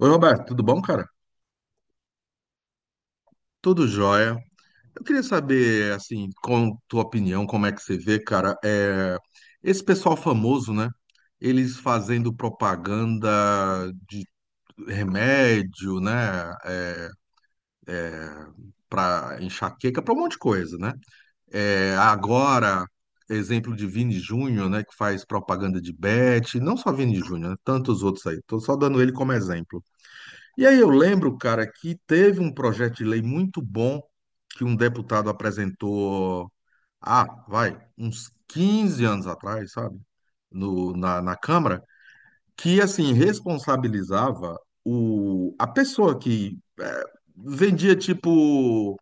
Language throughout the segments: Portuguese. Oi, Roberto, tudo bom, cara? Tudo jóia. Eu queria saber, assim, com tua opinião, como é que você vê, cara, esse pessoal famoso, né? Eles fazendo propaganda de remédio, né? É, para enxaqueca, para um monte de coisa, né? Agora, exemplo de Vini Júnior, né? Que faz propaganda de Bet, não só Vini Júnior, né? Tantos outros aí. Tô só dando ele como exemplo. E aí eu lembro, cara, que teve um projeto de lei muito bom que um deputado apresentou, vai, uns 15 anos atrás, sabe? No, na, na Câmara, que assim responsabilizava a pessoa que vendia tipo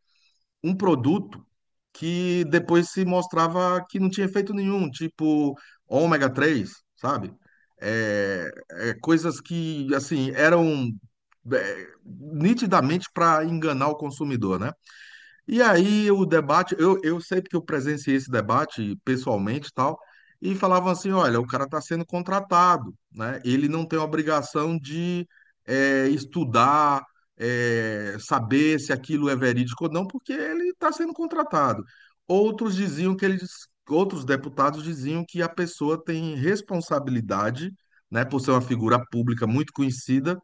um produto que depois se mostrava que não tinha efeito nenhum, tipo ômega 3, sabe? É, coisas que, assim, eram nitidamente para enganar o consumidor, né? E aí o debate, eu sei porque eu presenciei esse debate pessoalmente e tal, e falavam assim, olha, o cara está sendo contratado, né? Ele não tem obrigação de estudar, saber se aquilo é verídico ou não, porque ele está sendo contratado. Outros diziam que eles, outros deputados diziam que a pessoa tem responsabilidade, né, por ser uma figura pública muito conhecida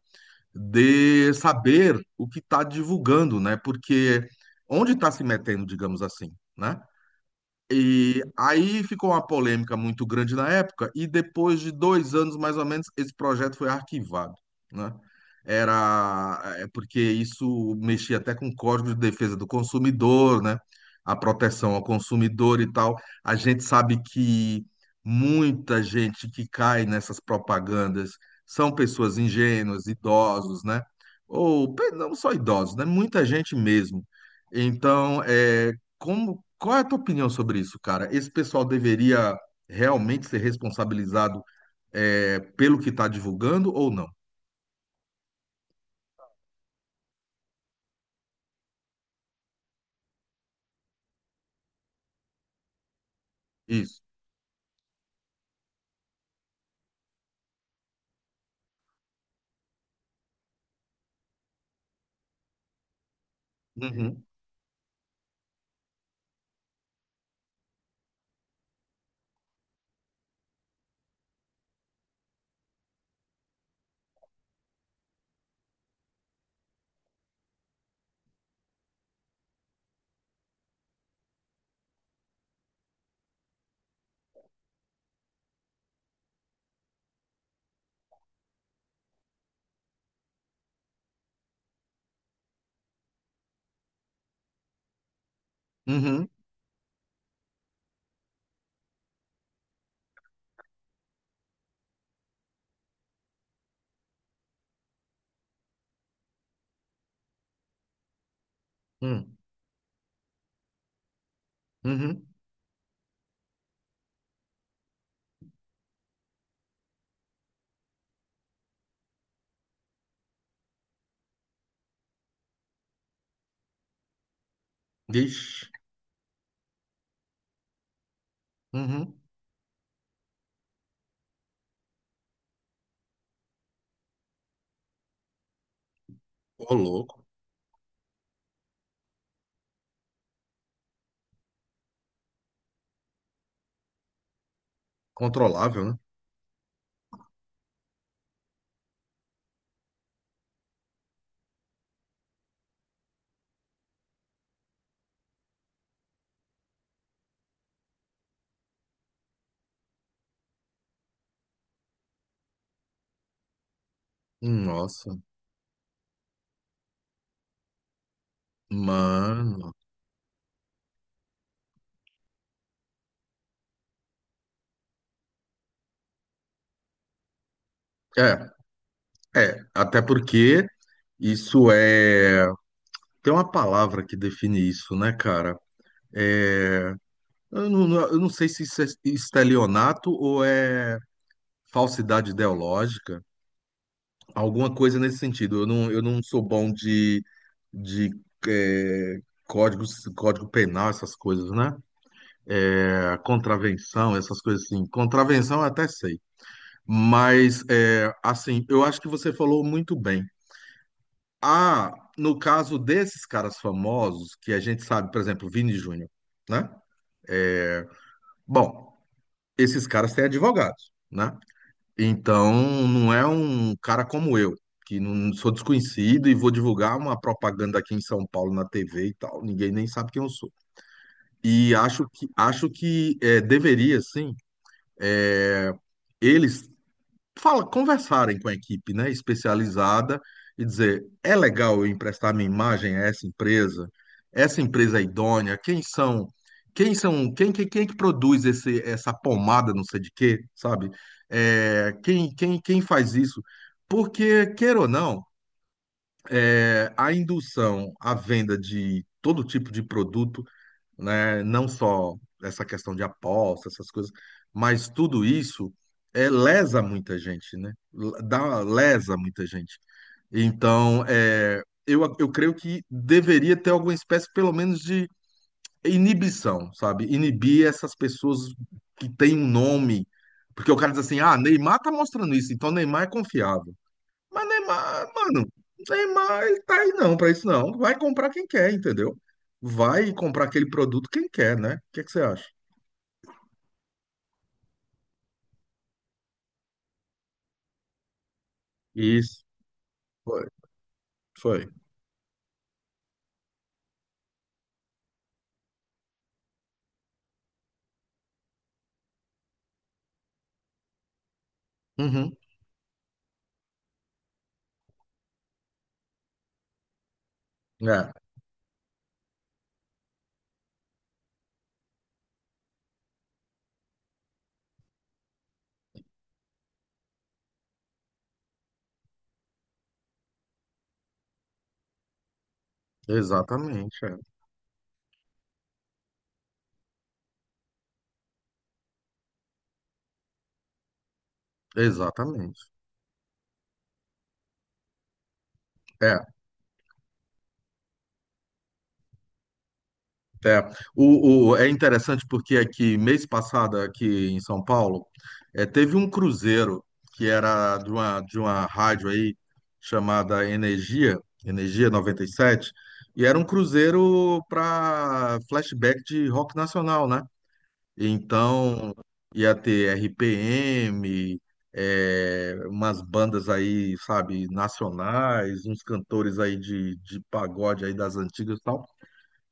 de saber o que está divulgando, né? Porque onde está se metendo, digamos assim, né? E aí ficou uma polêmica muito grande na época, e depois de 2 anos, mais ou menos, esse projeto foi arquivado, né? Era porque isso mexia até com o Código de Defesa do Consumidor, né? A proteção ao consumidor e tal. A gente sabe que muita gente que cai nessas propagandas são pessoas ingênuas, idosos, né? Ou pe- não só idosos, né? Muita gente mesmo. Então, como, qual é a tua opinião sobre isso, cara? Esse pessoal deveria realmente ser responsabilizado pelo que está divulgando ou não? Isso. Uhum, uhum, uhum, uhum. Ixi, uhum. Ô, louco. Controlável, né? Nossa, mano. É, é. Até porque isso é. Tem uma palavra que define isso, né, cara? É, eu não sei se isso é estelionato ou é falsidade ideológica. Alguma coisa nesse sentido. Eu não sou bom de códigos, código penal, essas coisas, né? Contravenção, essas coisas assim. Contravenção eu até sei. Mas, assim, eu acho que você falou muito bem. Ah, no caso desses caras famosos, que a gente sabe, por exemplo, Vini Júnior, né? Bom, esses caras têm advogados, né? Então, não é um cara como eu, que não sou desconhecido e vou divulgar uma propaganda aqui em São Paulo na TV e tal. Ninguém nem sabe quem eu sou. E acho que deveria, sim, é, eles conversarem com a equipe, né, especializada e dizer, é legal eu emprestar minha imagem a essa empresa? Essa empresa é idônea? Quem são? Quem são? Quem é que produz essa pomada, não sei de quê, sabe? Quem faz isso? Porque, queira ou não, a indução à venda de todo tipo de produto né? Não só essa questão de aposta, essas coisas, mas tudo isso lesa muita gente, né? L- Dá, lesa muita gente. Então, eu creio que deveria ter alguma espécie, pelo menos, de inibição, sabe? Inibir essas pessoas que têm um nome. Porque o cara diz assim, ah, Neymar tá mostrando isso, então Neymar é confiável. Mas Neymar, mano, Neymar ele tá aí não pra isso não. Vai comprar quem quer, entendeu? Vai comprar aquele produto quem quer, né? O que que você acha? Isso, foi, foi. Uhum. É, exatamente, é. Exatamente. É. É, é interessante porque aqui, mês passado, aqui em São Paulo, teve um cruzeiro que era de uma rádio aí chamada Energia, Energia 97, e sete, e era um cruzeiro para flashback de rock nacional, né? Então, ia ter RPM, umas bandas aí, sabe, nacionais, uns cantores aí de pagode aí das antigas e tal.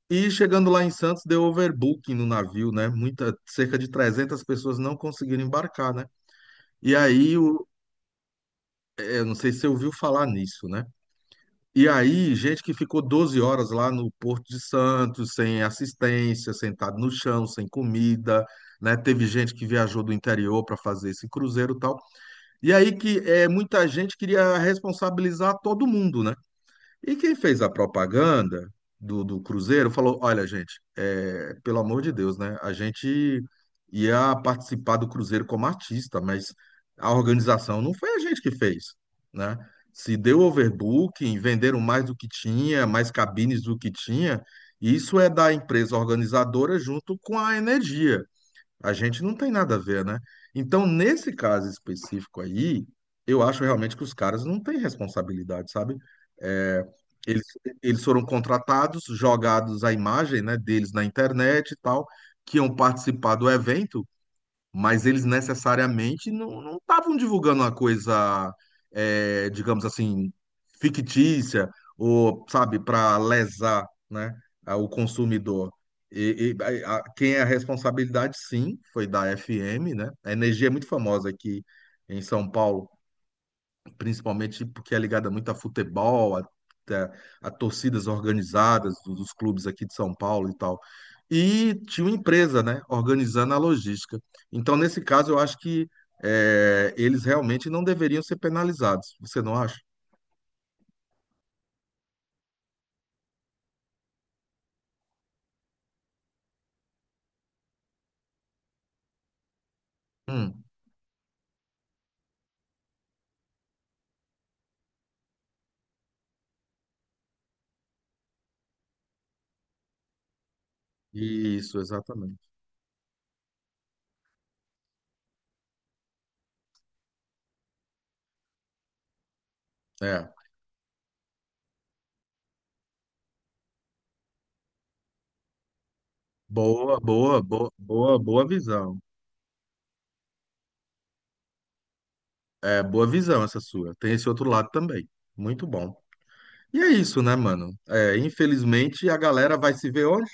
E chegando lá em Santos, deu overbooking no navio, né? Muita, cerca de 300 pessoas não conseguiram embarcar, né? E aí, eu não sei se você ouviu falar nisso, né? E aí, gente que ficou 12 horas lá no Porto de Santos, sem assistência, sentado no chão, sem comida, né? Teve gente que viajou do interior para fazer esse cruzeiro e tal. E aí que é, muita gente queria responsabilizar todo mundo, né? E quem fez a propaganda do Cruzeiro falou: olha, gente, pelo amor de Deus, né? A gente ia participar do Cruzeiro como artista, mas a organização não foi a gente que fez, né? Se deu overbooking, venderam mais do que tinha, mais cabines do que tinha, isso é da empresa organizadora junto com a energia. A gente não tem nada a ver, né? Então, nesse caso específico aí, eu acho realmente que os caras não têm responsabilidade, sabe? É, eles, eles foram contratados, jogados a imagem, né, deles na internet e tal, que iam participar do evento, mas eles necessariamente não estavam divulgando uma coisa, digamos assim, fictícia, ou, sabe, para lesar, né, a- o consumidor. E quem é a responsabilidade, sim, foi da FM, né? A Energia é muito famosa aqui em São Paulo principalmente porque é ligada muito a futebol, a- a torcidas organizadas dos clubes aqui de São Paulo e tal. E tinha uma empresa, né, organizando a logística. Então, nesse caso, eu acho que eles realmente não deveriam ser penalizados. Você não acha? Hum, isso, exatamente. É. Boa, boa, boa, boa, boa visão. É, boa visão essa sua. Tem esse outro lado também. Muito bom. E é isso, né, mano? Infelizmente a galera vai se ver onde?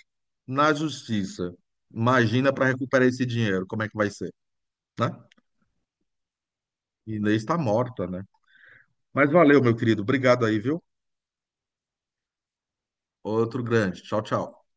Na justiça. Imagina para recuperar esse dinheiro, como é que vai ser, né? Inês está morta, né? Mas valeu, meu querido. Obrigado aí, viu? Outro grande. Tchau, tchau.